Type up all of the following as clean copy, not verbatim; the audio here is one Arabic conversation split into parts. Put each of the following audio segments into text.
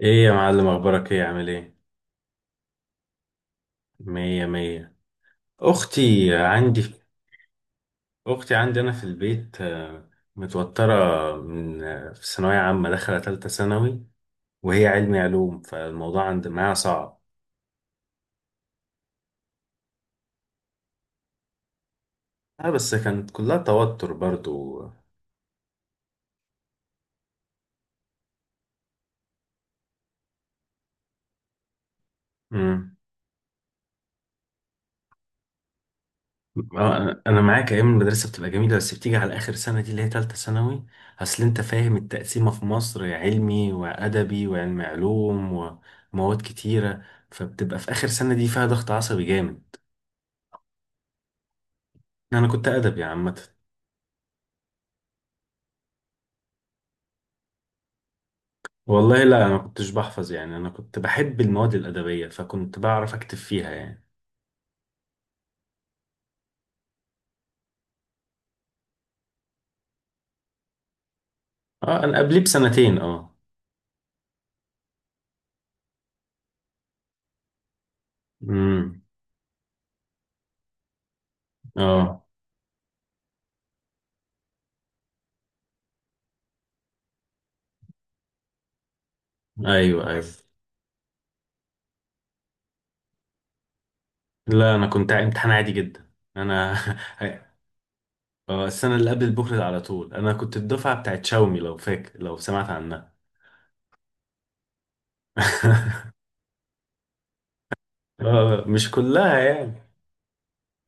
ايه يا معلم، اخبارك؟ ايه عامل ايه؟ مية مية. اختي عندي اختي عندي انا في البيت. متوترة من في ثانوية عامة داخلة تالتة ثانوي، وهي علمي علوم، فالموضوع عند معاها صعب. اه، بس كانت كلها توتر برضو. مم. انا معاك، ايام المدرسة بتبقى جميلة، بس بتيجي على اخر سنة دي اللي هي تالتة ثانوي. اصل انت فاهم التقسيمة في مصر، علمي وادبي وعلمي علوم، ومواد كتيرة، فبتبقى في آخر سنة دي فيها ضغط عصبي جامد. انا كنت ادبي عامه. والله لا، انا ما كنتش بحفظ، يعني انا كنت بحب المواد الادبيه، فكنت بعرف اكتب فيها يعني. اه، انا قبليه بسنتين اه. امم. اه. ايوه ايوه. لا، انا كنت امتحان عادي جدا. انا. اه، السنه اللي قبل بكره على طول. انا كنت الدفعه بتاعت شاومي، لو فاكر، لو سمعت عنها. اه، مش كلها يعني.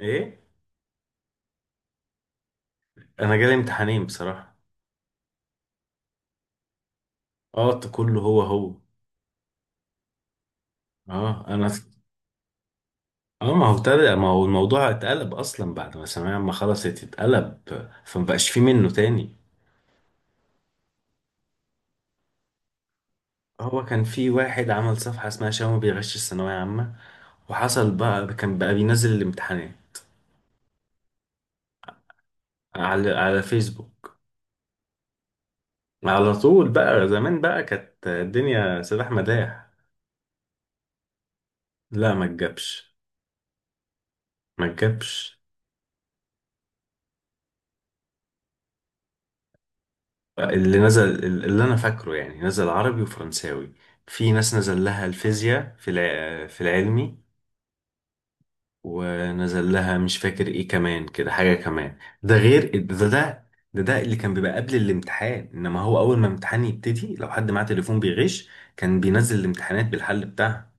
ايه. انا جالي امتحانين بصراحه. اه، كله هو هو. اه، انا. اه، ما هو الموضوع اتقلب اصلا، بعد ما ثانوية عامة خلصت اتقلب، فما بقاش فيه منه تاني. هو كان في واحد عمل صفحة اسمها شاومي بيغش الثانوية عامة، وحصل بقى، كان بقى بينزل الامتحانات على فيسبوك. على طول بقى، زمان بقى كانت الدنيا سلاح مداح. لا، ما تجابش. ما تجابش. اللي نزل، اللي انا فاكره يعني، نزل عربي وفرنساوي. في ناس نزل لها الفيزياء في العلمي، ونزل لها مش فاكر ايه كمان، كده حاجة كمان. ده غير ده. ده اللي كان بيبقى قبل الامتحان. انما هو اول ما امتحان يبتدي، لو حد معاه تليفون بيغش، كان بينزل الامتحانات بالحل بتاعها.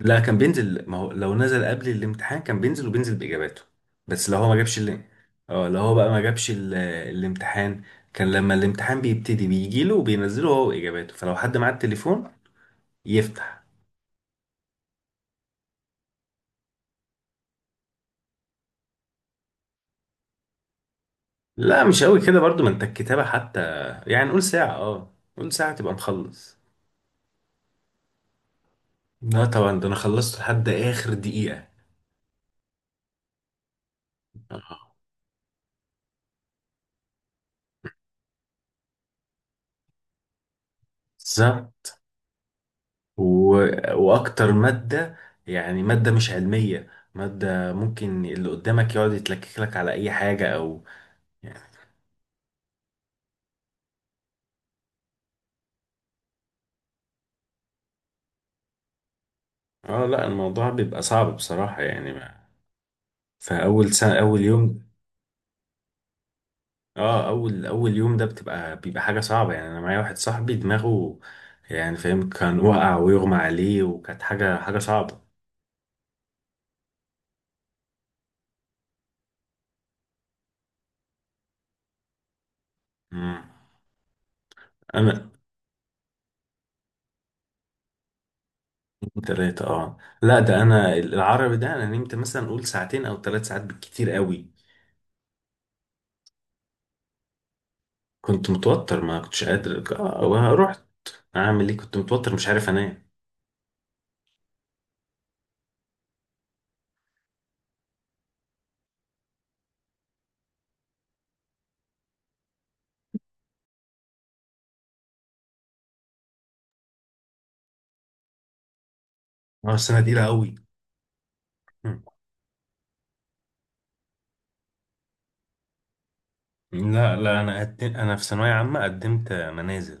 لا، كان بينزل. ما هو لو نزل قبل الامتحان كان بينزل، وبينزل باجاباته. بس لو هو ما جابش ال-. اه، لو هو بقى ما جابش الامتحان، كان لما الامتحان بيبتدي بيجيله وبينزله هو واجاباته، فلو حد معاه التليفون يفتح. لا، مش قوي كده برضو، ما انت الكتابة حتى، يعني نقول ساعة، اه نقول ساعة تبقى مخلص. لا طبعا، ده انا خلصت لحد اخر دقيقة. آه. بالظبط. و... واكتر مادة، يعني مادة مش علمية، مادة ممكن اللي قدامك يقعد يتلكك لك على اي حاجة او يعني. اه لا، الموضوع بيبقى صعب بصراحة، يعني ما... فاول سنة اول يوم. اه، اول يوم ده بيبقى حاجه صعبه، يعني انا معايا واحد صاحبي دماغه يعني فاهم، كان وقع ويغمى عليه، وكانت حاجه صعبه. امم. انا. تلاتة اه، لا ده انا العربي ده انا نمت مثلا اقول ساعتين او ثلاث ساعات بالكتير قوي. كنت متوتر ما كنتش قادر، رحت اعمل ايه، كنت متوتر مش عارف انام. اه، السنه دي قوي. مم. لا انا انا في ثانويه عامه قدمت منازل.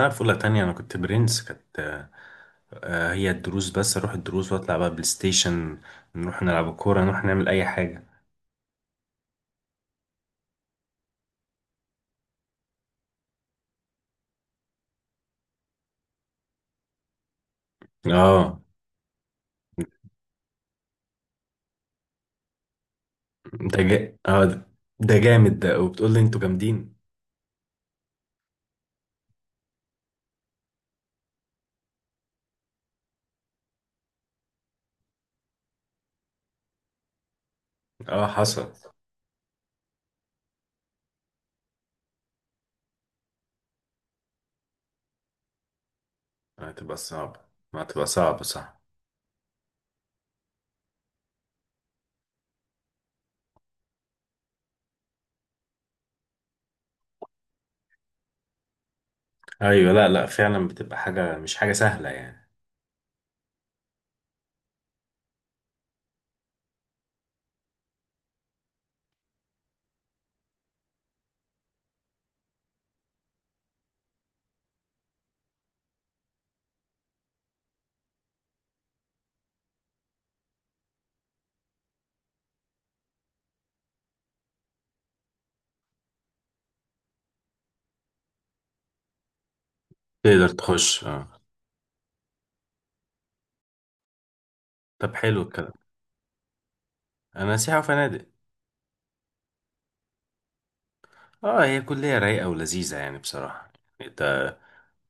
انا في اولى تانية انا كنت برنس. كانت هي الدروس بس، اروح الدروس واطلع بقى بلاي ستيشن، نروح نلعب كورة، نروح نعمل اي حاجة. اه، ده. ده جامد ده، وبتقول لي انتوا جامدين. اه، حصل. هتبقى صعبة. ما هتبقى صعبة، صح. ايوه. لا لا، فعلا بتبقى حاجة مش حاجة سهلة يعني. تقدر تخش اه. طب حلو الكلام. انا سياحة وفنادق. اه، هي كلية رايقة ولذيذة يعني بصراحة. انت.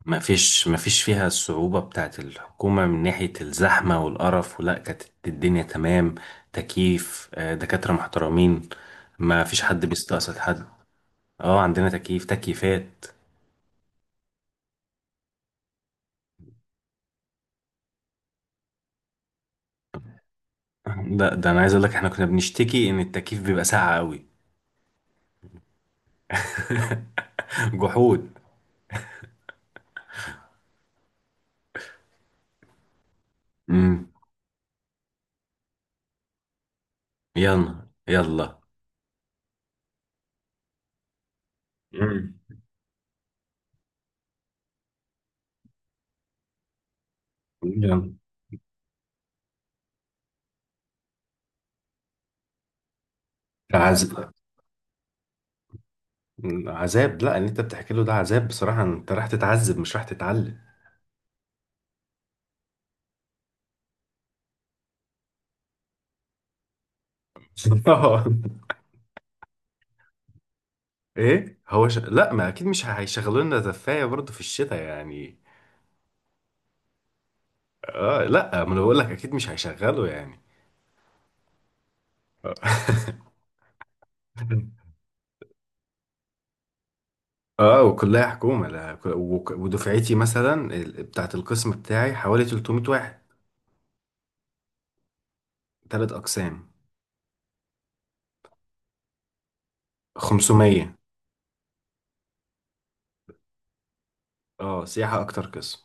ما فيش فيها الصعوبة بتاعت الحكومة من ناحية الزحمة والقرف، ولا كانت. الدنيا تمام، تكييف، دكاترة محترمين، ما فيش حد بيستقصد حد. اه عندنا تكييف، تكييفات. ده انا عايز اقول لك احنا كنا بنشتكي ان التكييف بيبقى ساقع قوي. جحود. امم. يلا يلا. امم. يلا. عذاب. عذاب، لا اللي انت بتحكي له ده عذاب بصراحة، انت راح تتعذب مش راح تتعلم. ايه هو لا ما اكيد مش هيشغلوا لنا زفايه برضه في الشتاء يعني. اه لا، ما انا بقول لك اكيد مش هيشغلوا يعني. اه، وكلها حكومه. لا ودفعتي مثلا بتاعه القسم بتاعي حوالي 300 واحد. ثلاث اقسام. 500. اه، سياحه اكتر قسم.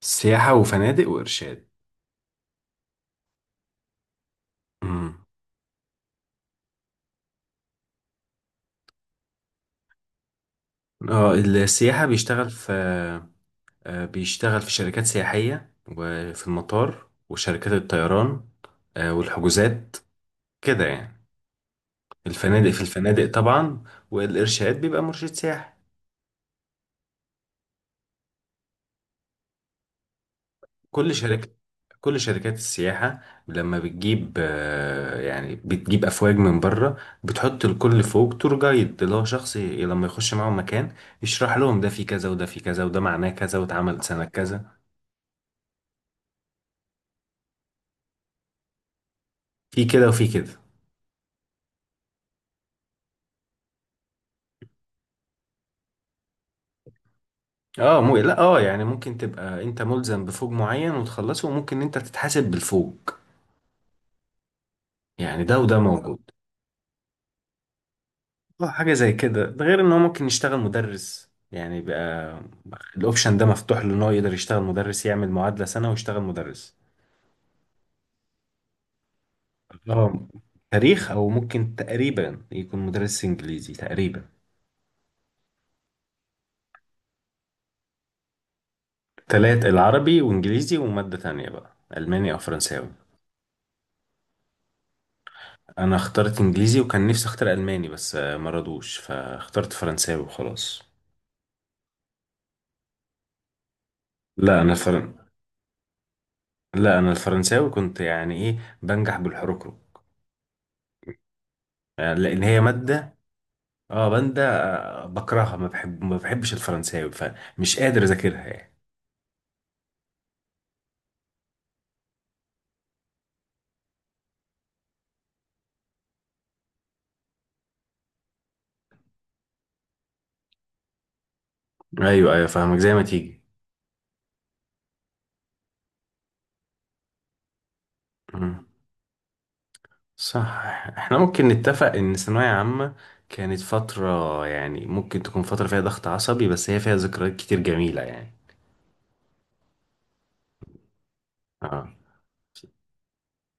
سياحه وفنادق وارشاد. امم. اه، السياحه بيشتغل في بيشتغل في شركات سياحيه، وفي المطار، وشركات الطيران، والحجوزات، كده يعني. الفنادق في الفنادق طبعا. والإرشاد بيبقى مرشد سياحي. كل شركة، كل شركات السياحة، لما بتجيب يعني بتجيب أفواج من بره، بتحط الكل فوق تور جايد، اللي هو شخص لما يخش معاهم مكان يشرح لهم ده في كذا وده في كذا وده معناه كذا، واتعمل سنة كذا. في كده وفي كده. اه، مو لا، اه يعني ممكن تبقى انت ملزم بفوج معين وتخلصه، وممكن انت تتحاسب بالفوج يعني. ده وده موجود. اه، حاجة زي كده. ده غير ان هو ممكن يشتغل مدرس يعني بقى. الاوبشن ده مفتوح له ان هو يقدر يشتغل مدرس، يعمل معادلة سنة ويشتغل مدرس. اه، تاريخ، او ممكن تقريبا يكون مدرس انجليزي تقريبا. تلات، العربي وانجليزي، ومادة تانية بقى الماني او فرنساوي. انا اخترت انجليزي، وكان نفسي اختار الماني، بس ما رضوش، فاخترت فرنساوي وخلاص. لا انا الفرن لا انا الفرنساوي كنت يعني ايه بنجح بالحركرك يعني، لان هي مادة. اه. باندا بكرهها، ما بحبش الفرنساوي، فمش قادر اذاكرها يعني. ايوه ايوه فاهمك زي ما تيجي. مم. صح. احنا ممكن نتفق ان الثانوية عامة كانت فترة، يعني ممكن تكون فترة فيها ضغط عصبي، بس هي فيها ذكريات كتير جميلة يعني. اه،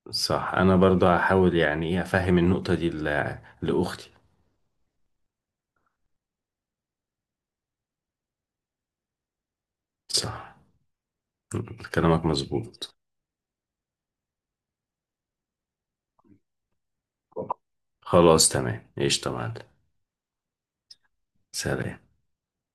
صح. انا برضو هحاول يعني ايه افهم النقطة دي لاختي. صح. مم. كلامك مظبوط. خلاص تمام ايش تمام. سلام.